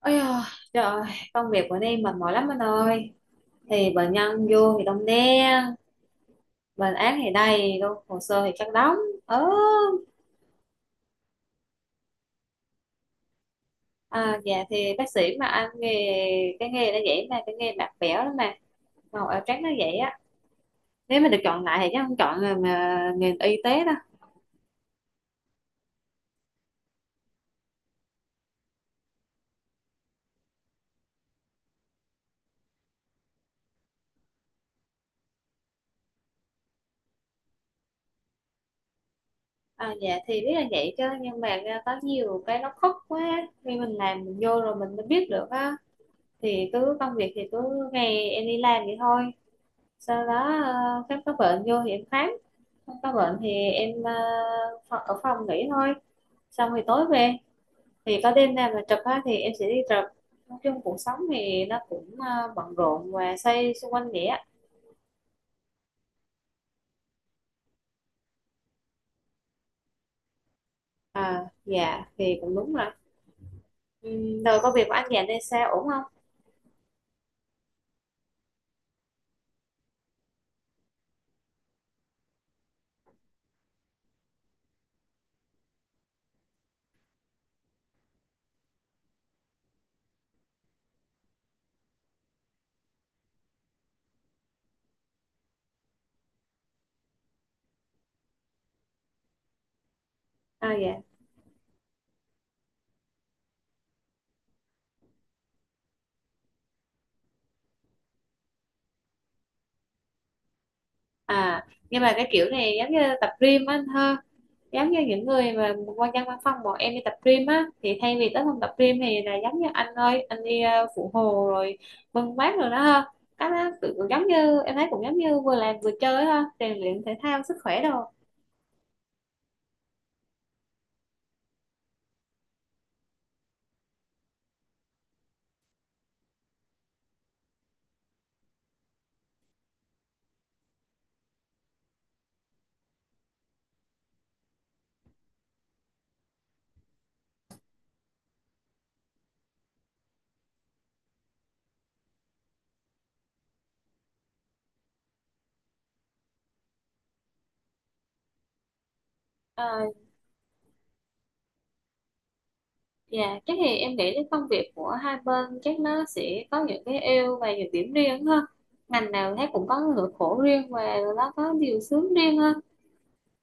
Ôi giời, trời ơi, công việc của Ni mệt mỏi lắm anh ơi. Thì bệnh nhân vô thì đông đen. Bệnh án thì đầy luôn. Hồ sơ thì chắc đóng. ớ Dạ thì bác sĩ mà anh nghề. Cái nghề nó vậy mà. Cái nghề bạc bẽo lắm mà. Màu áo trắng nó vậy á. Nếu mà được chọn lại thì chắc không chọn nghề, nghề y tế đâu. Dạ thì biết là vậy chứ. Nhưng mà có nhiều cái nó khốc quá. Khi mình làm mình vô rồi mình mới biết được á. Thì cứ công việc thì cứ ngày em đi làm vậy thôi, sau đó khám có bệnh vô thì em khám, có bệnh thì em ở phòng nghỉ thôi, xong thì tối về, thì có đêm nào mà chụp á, thì em sẽ đi chụp. Nói chung cuộc sống thì nó cũng bận rộn và xoay xung quanh vậy á. À dạ thì cũng đúng rồi. Rồi công việc của anh dành đây sao ổn không? À dạ. À, nhưng mà cái kiểu này giống như tập gym á anh ha. Giống như những người mà quan nhân văn phòng bọn em đi tập gym á, thì thay vì tới phòng tập gym thì là giống như anh ơi anh đi phụ hồ rồi bưng bát rồi đó ha. Cái đó tự cũng giống như em thấy, cũng giống như vừa làm vừa chơi ha, rèn luyện thể thao sức khỏe đồ. Ờ, dạ chắc thì em nghĩ cái công việc của hai bên chắc nó sẽ có những cái ưu và nhược điểm riêng ha. Ngành nào thấy cũng có nỗi khổ riêng và nó có điều sướng riêng ha.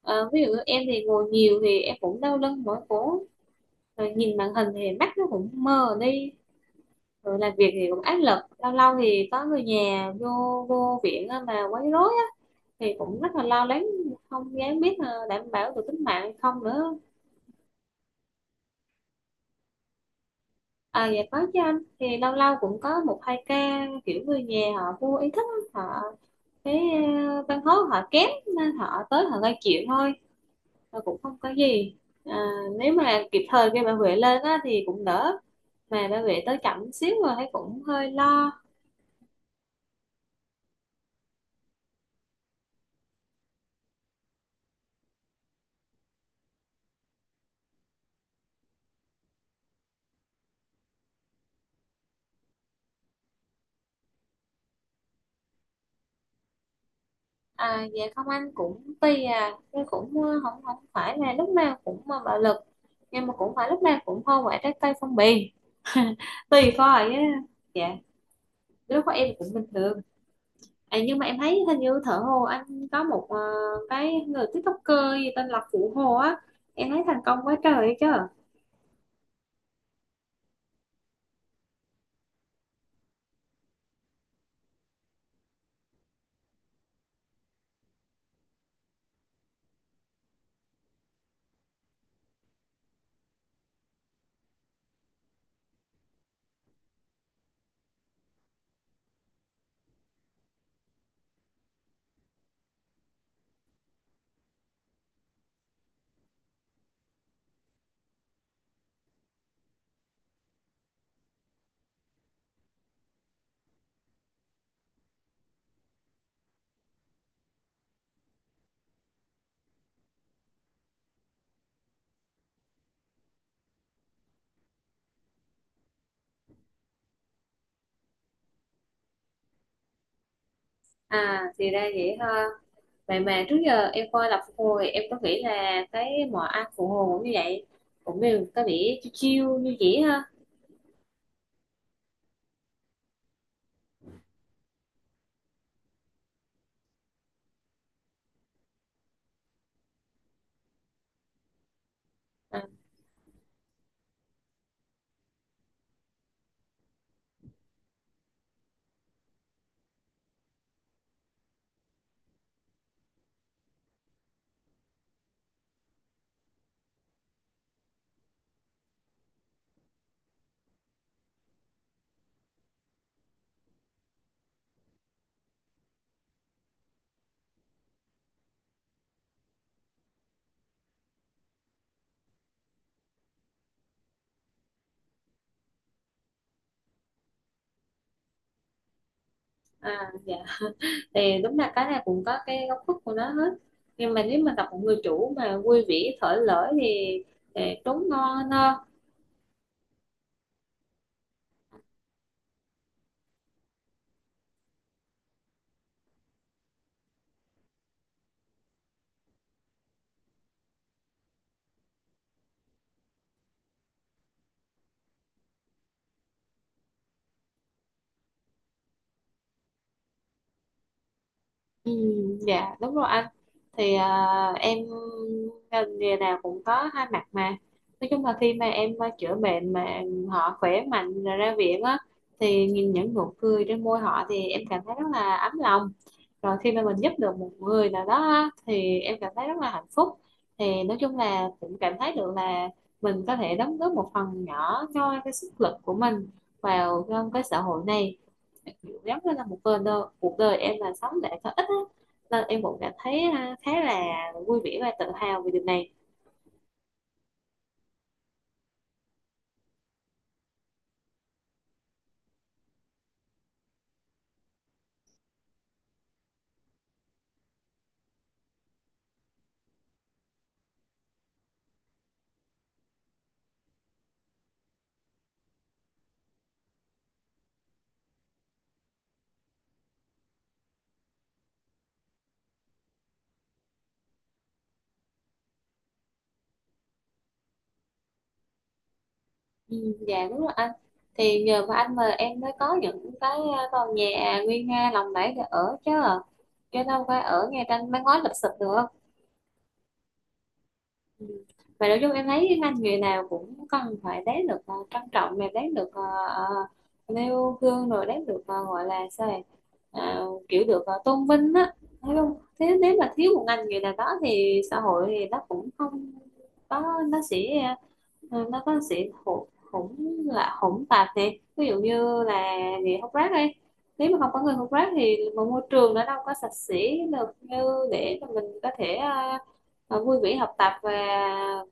Ờ, ví dụ như em thì ngồi nhiều thì em cũng đau lưng mỏi cổ, rồi nhìn màn hình thì mắt nó cũng mờ đi, rồi làm việc thì cũng áp lực, lâu lâu thì có người nhà vô vô viện á mà quấy rối á thì cũng rất là lo lắng, không dám biết là đảm bảo được tính mạng hay không nữa. À dạ có chứ anh, thì lâu lâu cũng có một hai ca kiểu người nhà họ vô ý thức á, họ cái văn hóa họ kém nên họ tới họ gây chuyện thôi, và cũng không có gì. À, nếu mà kịp thời kêu bảo vệ lên á thì cũng đỡ, mà bảo vệ tới chậm xíu rồi thấy cũng hơi lo. À, dạ không anh cũng tùy à, nhưng cũng không không phải là lúc nào cũng mà bạo lực, nhưng mà cũng phải lúc nào cũng hoa quả trái cây phong bì. Tùy coi á. Dạ lúc đó em cũng bình thường. À, nhưng mà em thấy hình như thở hồ anh có một cái người TikToker gì tên là Phụ Hồ á, em thấy thành công quá trời chứ. À thì ra vậy ha. Vậy mà trước giờ em coi là Phụ Hồ thì em có nghĩ là cái mọi ăn Phụ Hồ cũng như vậy, cũng đều có vẻ chill chill như vậy ha. à, dạ thì đúng là cái này cũng có cái góc khuất của nó hết. Nhưng mà nếu mà gặp một người chủ mà vui vẻ thở lỡ thì trốn ngon no. Ừ, dạ đúng rồi anh. Thì em ngành nghề nào cũng có hai mặt mà. Nói chung là khi mà em chữa bệnh mà họ khỏe mạnh rồi ra viện á, thì nhìn những nụ cười trên môi họ thì em cảm thấy rất là ấm lòng. Rồi khi mà mình giúp được một người nào đó á, thì em cảm thấy rất là hạnh phúc. Thì nói chung là cũng cảm thấy được là mình có thể đóng góp một phần nhỏ cho cái sức lực của mình vào trong cái xã hội này. Kiểu giống như là một cuộc đời em là sống để có ích á. Nên em cũng cảm thấy khá là vui vẻ và tự hào về điều này. Ừ, dạ đúng rồi anh. Thì nhờ vào anh mà em mới có những cái tòa nhà nguy nga lộng lẫy để ở chứ, chứ đâu phải ở ngay trên mái ngói lụp xụp được. Ừ. Và nói chung em thấy cái ngành nghề nào cũng cần phải đáng được trân trọng, mà đáng được nêu gương, rồi đáng được gọi là sao này. Ờ, kiểu được tôn vinh á, thấy không? Thế nếu mà thiếu một ngành nghề nào đó thì xã hội thì nó cũng không có, nó sẽ ờ, nó có sự hỗn hỗn là hỗn tạp. Thì ví dụ như là người hút rác đi, nếu mà không có người hút rác thì một môi trường nó đâu có sạch sẽ được, như để mà mình có thể vui vẻ học tập và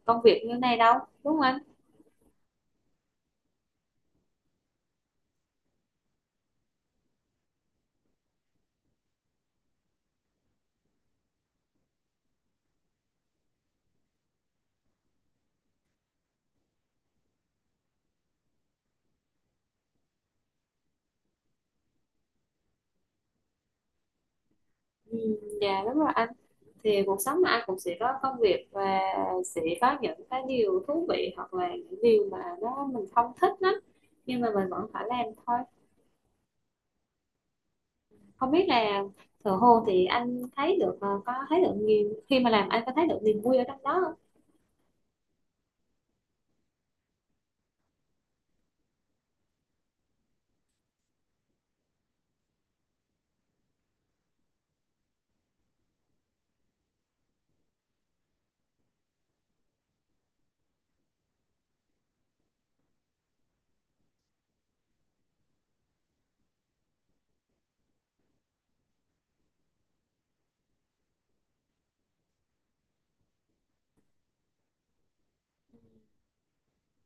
công việc như này đâu. Đúng không anh? Ừ, dạ đúng rồi anh. Thì cuộc sống mà anh cũng sẽ có công việc và sẽ có những cái điều thú vị hoặc là những điều mà nó mình không thích lắm, nhưng mà mình vẫn phải làm thôi. Không biết là thợ hồ thì anh thấy được có thấy được niềm khi mà làm anh có thấy được niềm vui ở trong đó không?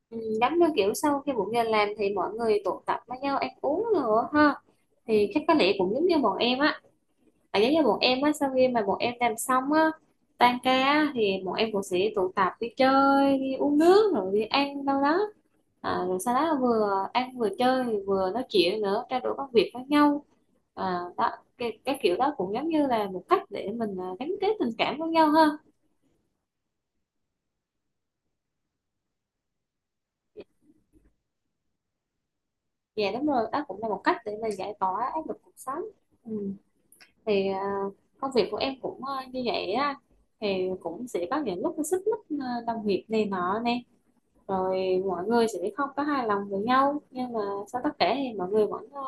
Ừ, giống như kiểu sau khi một ngày làm thì mọi người tụ tập với nhau ăn uống nữa ha, thì chắc có lẽ cũng giống như bọn em á. Tại giống như bọn em á sau khi mà bọn em làm xong á, tan ca á, thì bọn em cũng sẽ tụ tập đi chơi đi uống nước rồi đi ăn đâu đó. À, rồi sau đó vừa ăn vừa chơi vừa nói chuyện nữa, trao đổi công việc với nhau. À, đó, cái kiểu đó cũng giống như là một cách để mình gắn kết tình cảm với nhau hơn. Dạ đúng rồi, đó cũng là một cách để mình giải tỏa áp lực cuộc sống. Ừ. thì công việc của em cũng như vậy á, thì cũng sẽ có những lúc xích mích đồng nghiệp này nọ nè, rồi mọi người sẽ không có hài lòng với nhau, nhưng mà sau tất cả thì mọi người vẫn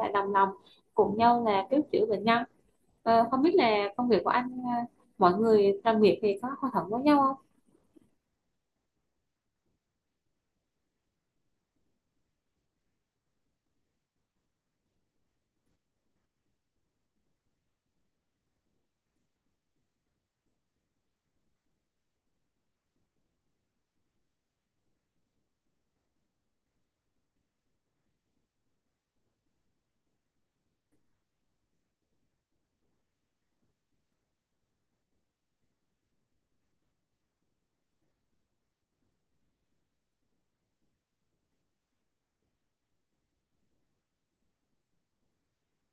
lại đồng lòng cùng nhau là cứu chữa bệnh nhân. Ờ, không biết là công việc của anh mọi người đồng nghiệp thì có hòa thuận với nhau không?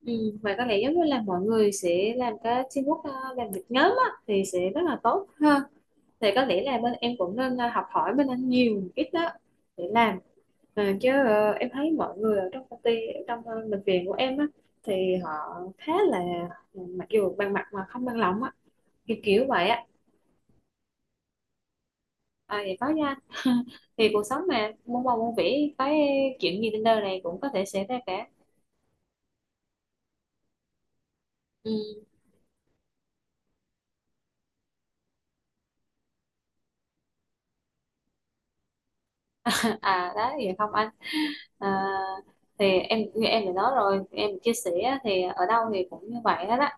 Ừ, và có lẽ giống như là mọi người sẽ làm cái teamwork làm việc nhóm á, thì sẽ rất là tốt ha. Thì có lẽ là bên em cũng nên học hỏi bên anh nhiều một ít đó, để làm. Ờ, chứ em thấy mọi người ở trong công ty, ở trong bệnh viện của em á, thì họ khá là mặc dù bằng mặt mà không bằng lòng á, kiểu kiểu vậy á. À, vậy có nha. Thì cuộc sống mà muôn màu muôn vẻ, cái chuyện gì trên đời này cũng có thể xảy ra cả. Ừ. À đó vậy không anh? À, thì em như em đã nói rồi, em chia sẻ thì ở đâu thì cũng như vậy hết á.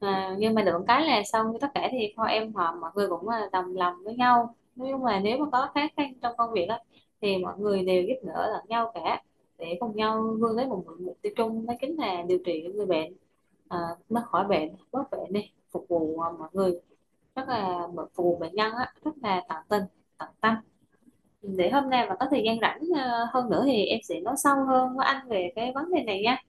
À, nhưng mà được cái là sau tất cả thì thôi em họ mọi người cũng là đồng lòng với nhau. Nói chung là nếu mà có khó khăn trong công việc á, thì mọi người đều giúp đỡ lẫn nhau cả, để cùng nhau vươn tới một mục tiêu chung, đó chính là điều trị người bệnh. À, nó khỏi bệnh bớt bệnh đi, phục vụ mọi người, rất là phục vụ bệnh nhân á, rất là tận tình tận tâm. Để hôm nay mà có thời gian rảnh hơn nữa thì em sẽ nói sâu hơn với anh về cái vấn đề này nha.